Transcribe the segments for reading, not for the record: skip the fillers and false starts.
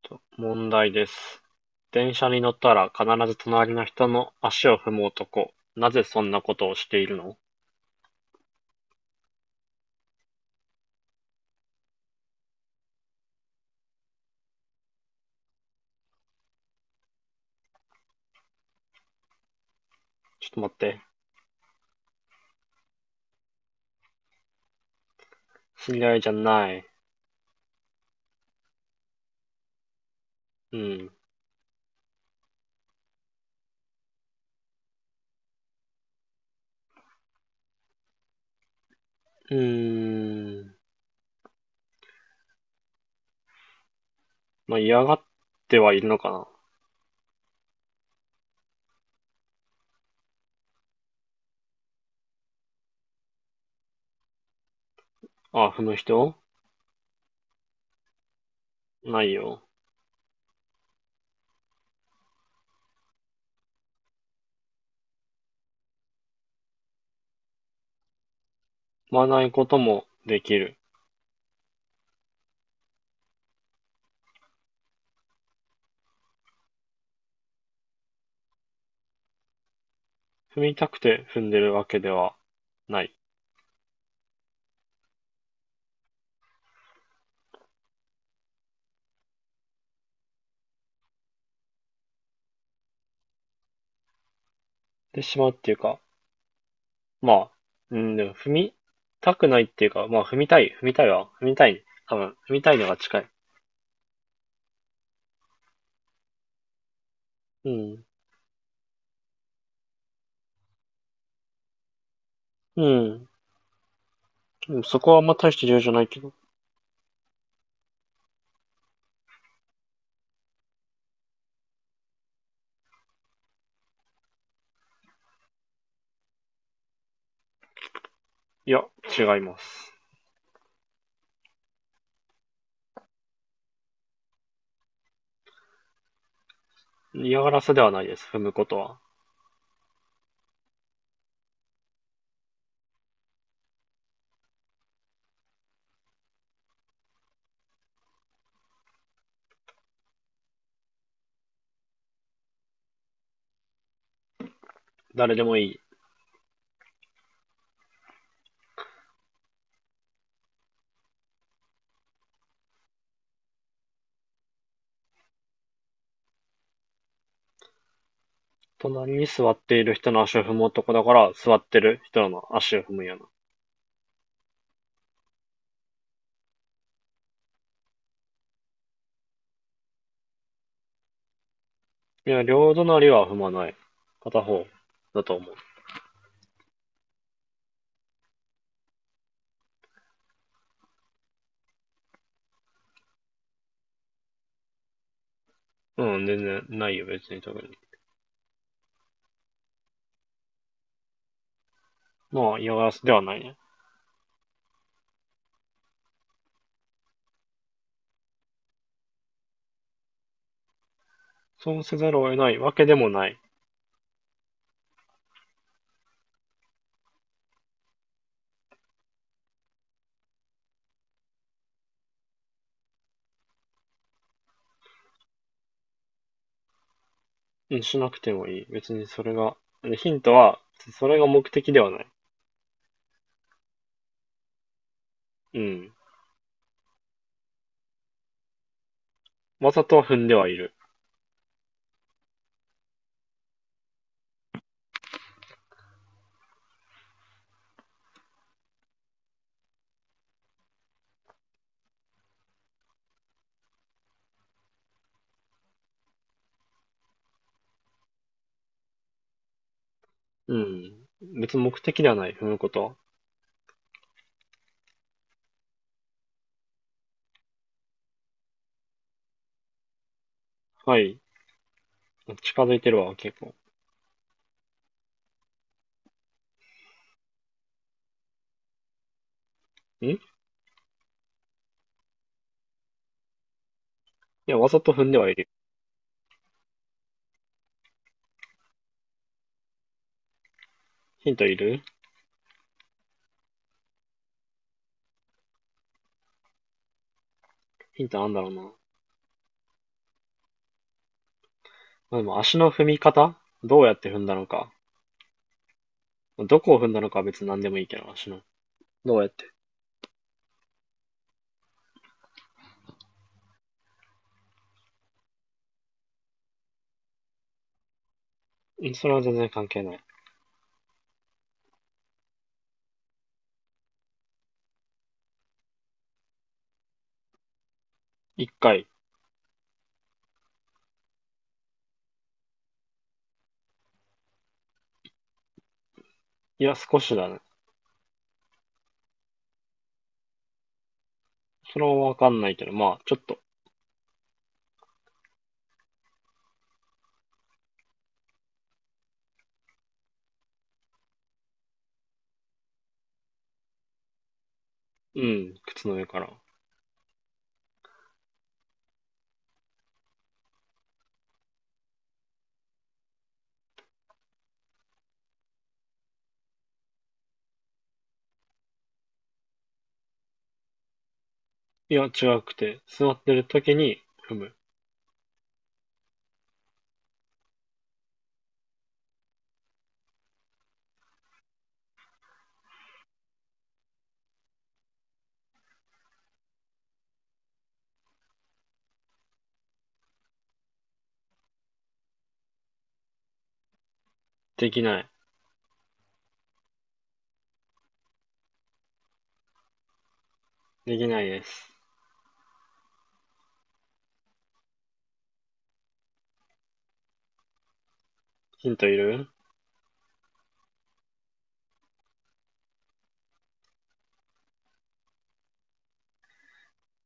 と問題です。電車に乗ったら必ず隣の人の足を踏む男。なぜそんなことをしているの？ちょっと待って。知り合いじゃない。うん。うーん。まあ、嫌がってはいるのかな。あ、踏む人ないよ。踏まないこともできる。踏みたくて踏んでるわけではない。でしまうっていうか、まあ、うん、でも踏みたくないっていうか、まあ、踏みたい、踏みたいわ。踏みたい。多分、踏みたいのが近い。うん。うん。うん、そこはあんま大して重要じゃないけど。いや、違います。嫌がらせではないです、踏むことは。誰でもいい。隣に座っている人の足を踏む男だから、座ってる人の足を踏むやな。いや、両隣は踏まない。片方だと思う。うん、全然ないよ、別に特に。まあ、嫌がらせではないね。そうせざるを得ないわけでもない。うん、しなくてもいい。別にそれが。ヒントは、それが目的ではない。うん。わざとは踏んではいる。うん。別に目的ではない、踏むことは。はい。近づいてるわ、結構。んいや、わざと踏んではいる。ヒントいる？ヒントなんだろうな。まあ、でも足の踏み方、どうやって踏んだのか。どこを踏んだのかは別に何でもいいけど、足の。どうやって。うん、それは全然関係ない。一回。いや、少しだね。それはわかんないけど、まあ、ちょっと。うん、靴の上から。いや、違くて。座ってる時に踏む。できない。できないです。ヒントいる？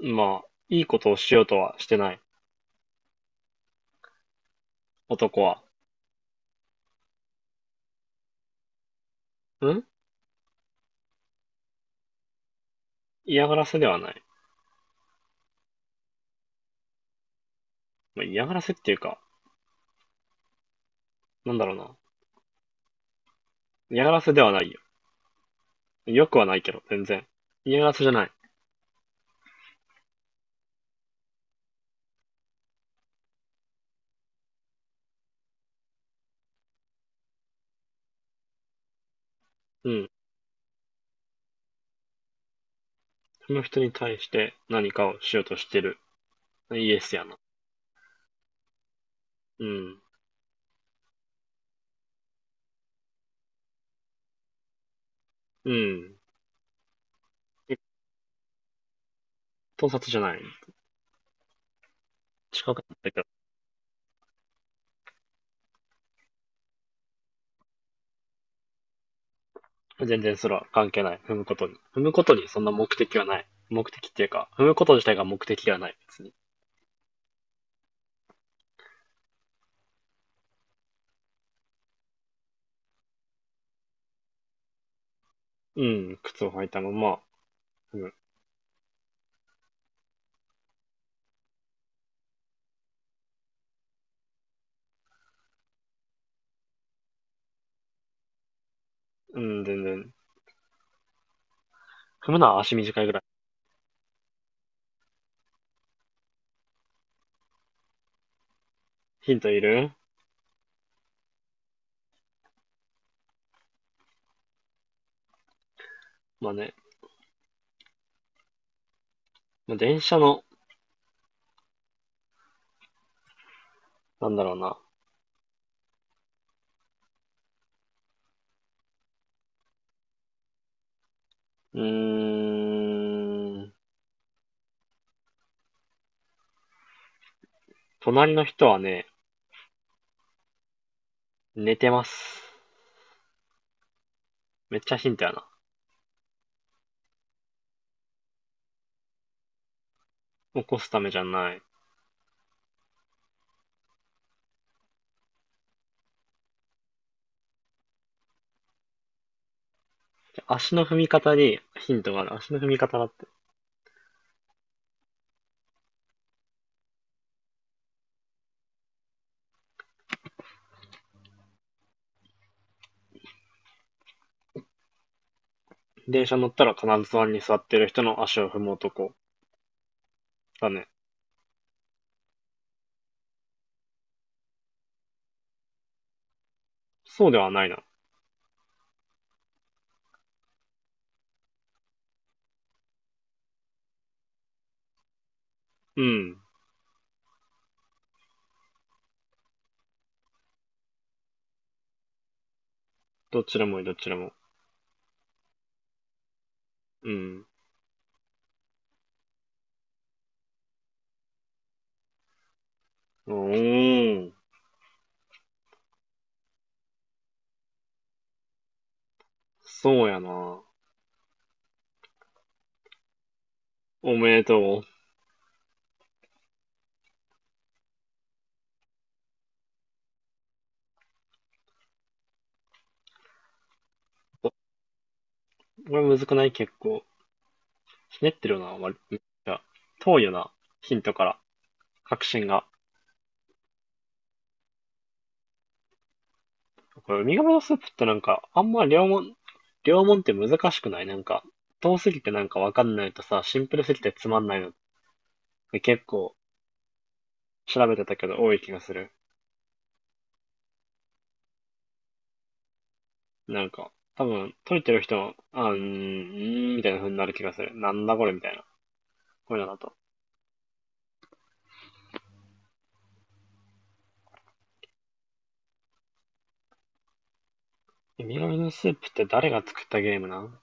まあ、いいことをしようとはしてない。男は。ん、嫌がらせではない。まあ、嫌がらせっていうか、なんだろうな。嫌がらせではないよ。よくはないけど、全然。嫌がらせじゃない。うん。その人に対して何かをしようとしてる。イエスやな。うん。うん。盗撮じゃない。近かったけど、全然それは関係ない。踏むことに。踏むことにそんな目的はない。目的っていうか、踏むこと自体が目的ではない、別に。うん、靴を履いたまま、踏む。うん、全然。踏むのは足短いぐらい。ヒントいる？まあね、まあ、電車の、なんだろうな、うーん。隣の人はね、寝てます。めっちゃヒントやな。起こすためじゃない。足の踏み方にヒントがある。足の踏み方だって。電車乗ったら必ず隣に座ってる人の足を踏む男。だね。そうではないな。うん。どっちでもいい、どっちでも。うん。おー。そうやな。おめでとう。お、これむずくない？結構。ひねってるよな、割と。いや、遠いよな。ヒントから。確信が。これ、海鴨のスープってなんか、あんま両門、両門って難しくないなんか、遠すぎてなんかわかんないとさ、シンプルすぎてつまんないのって結構調べてたけど多い気がする。なんか、多分、解いてる人も、あー、みたいな風になる気がする。なんだこれみたいな。こういうのだと。ウミガメのスープって誰が作ったゲームなん？ウ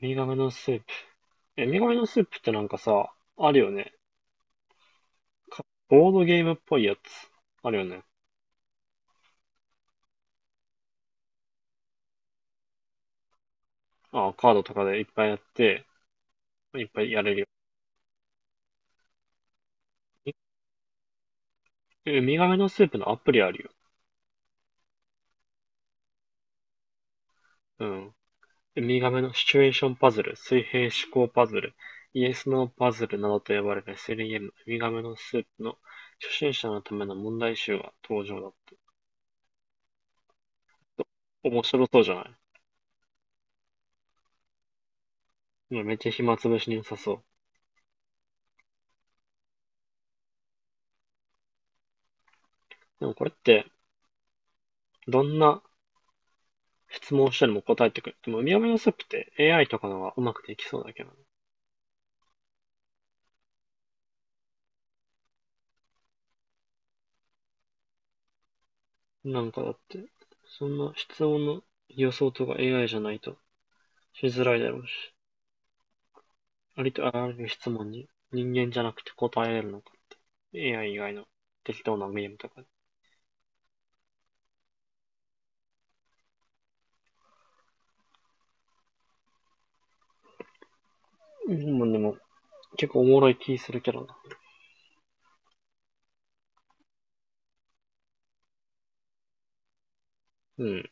ミガメのスープ。え、ウミガメのスープってなんかさ、あるよね。か、ボードゲームっぽいやつ。あるよね。あー、カードとかでいっぱいやって、いっぱいやれるよ。ウえ、ウミガメのスープのアプリあるよ。うん。ウミガメのシチュエーションパズル、水平思考パズル、イエス・ノーパズルなどと呼ばれる SLEM、ウミガメのスープの初心者のための問題集が登場だった。面白そうじゃない？うん、めっちゃ暇つぶしに良さそう。でもこれって、どんな質問をしても答えてくれる。でも、ウミガメのスープって AI とかの方がうまくできそうだけどね。なんかだって、そんな質問の予想とか AI じゃないとしづらいだろうし。ありとあらゆる質問に人間じゃなくて答えられるのか。AI 以外の適当なゲームとか。うん、でも、結構おもろい気するけどな。うん。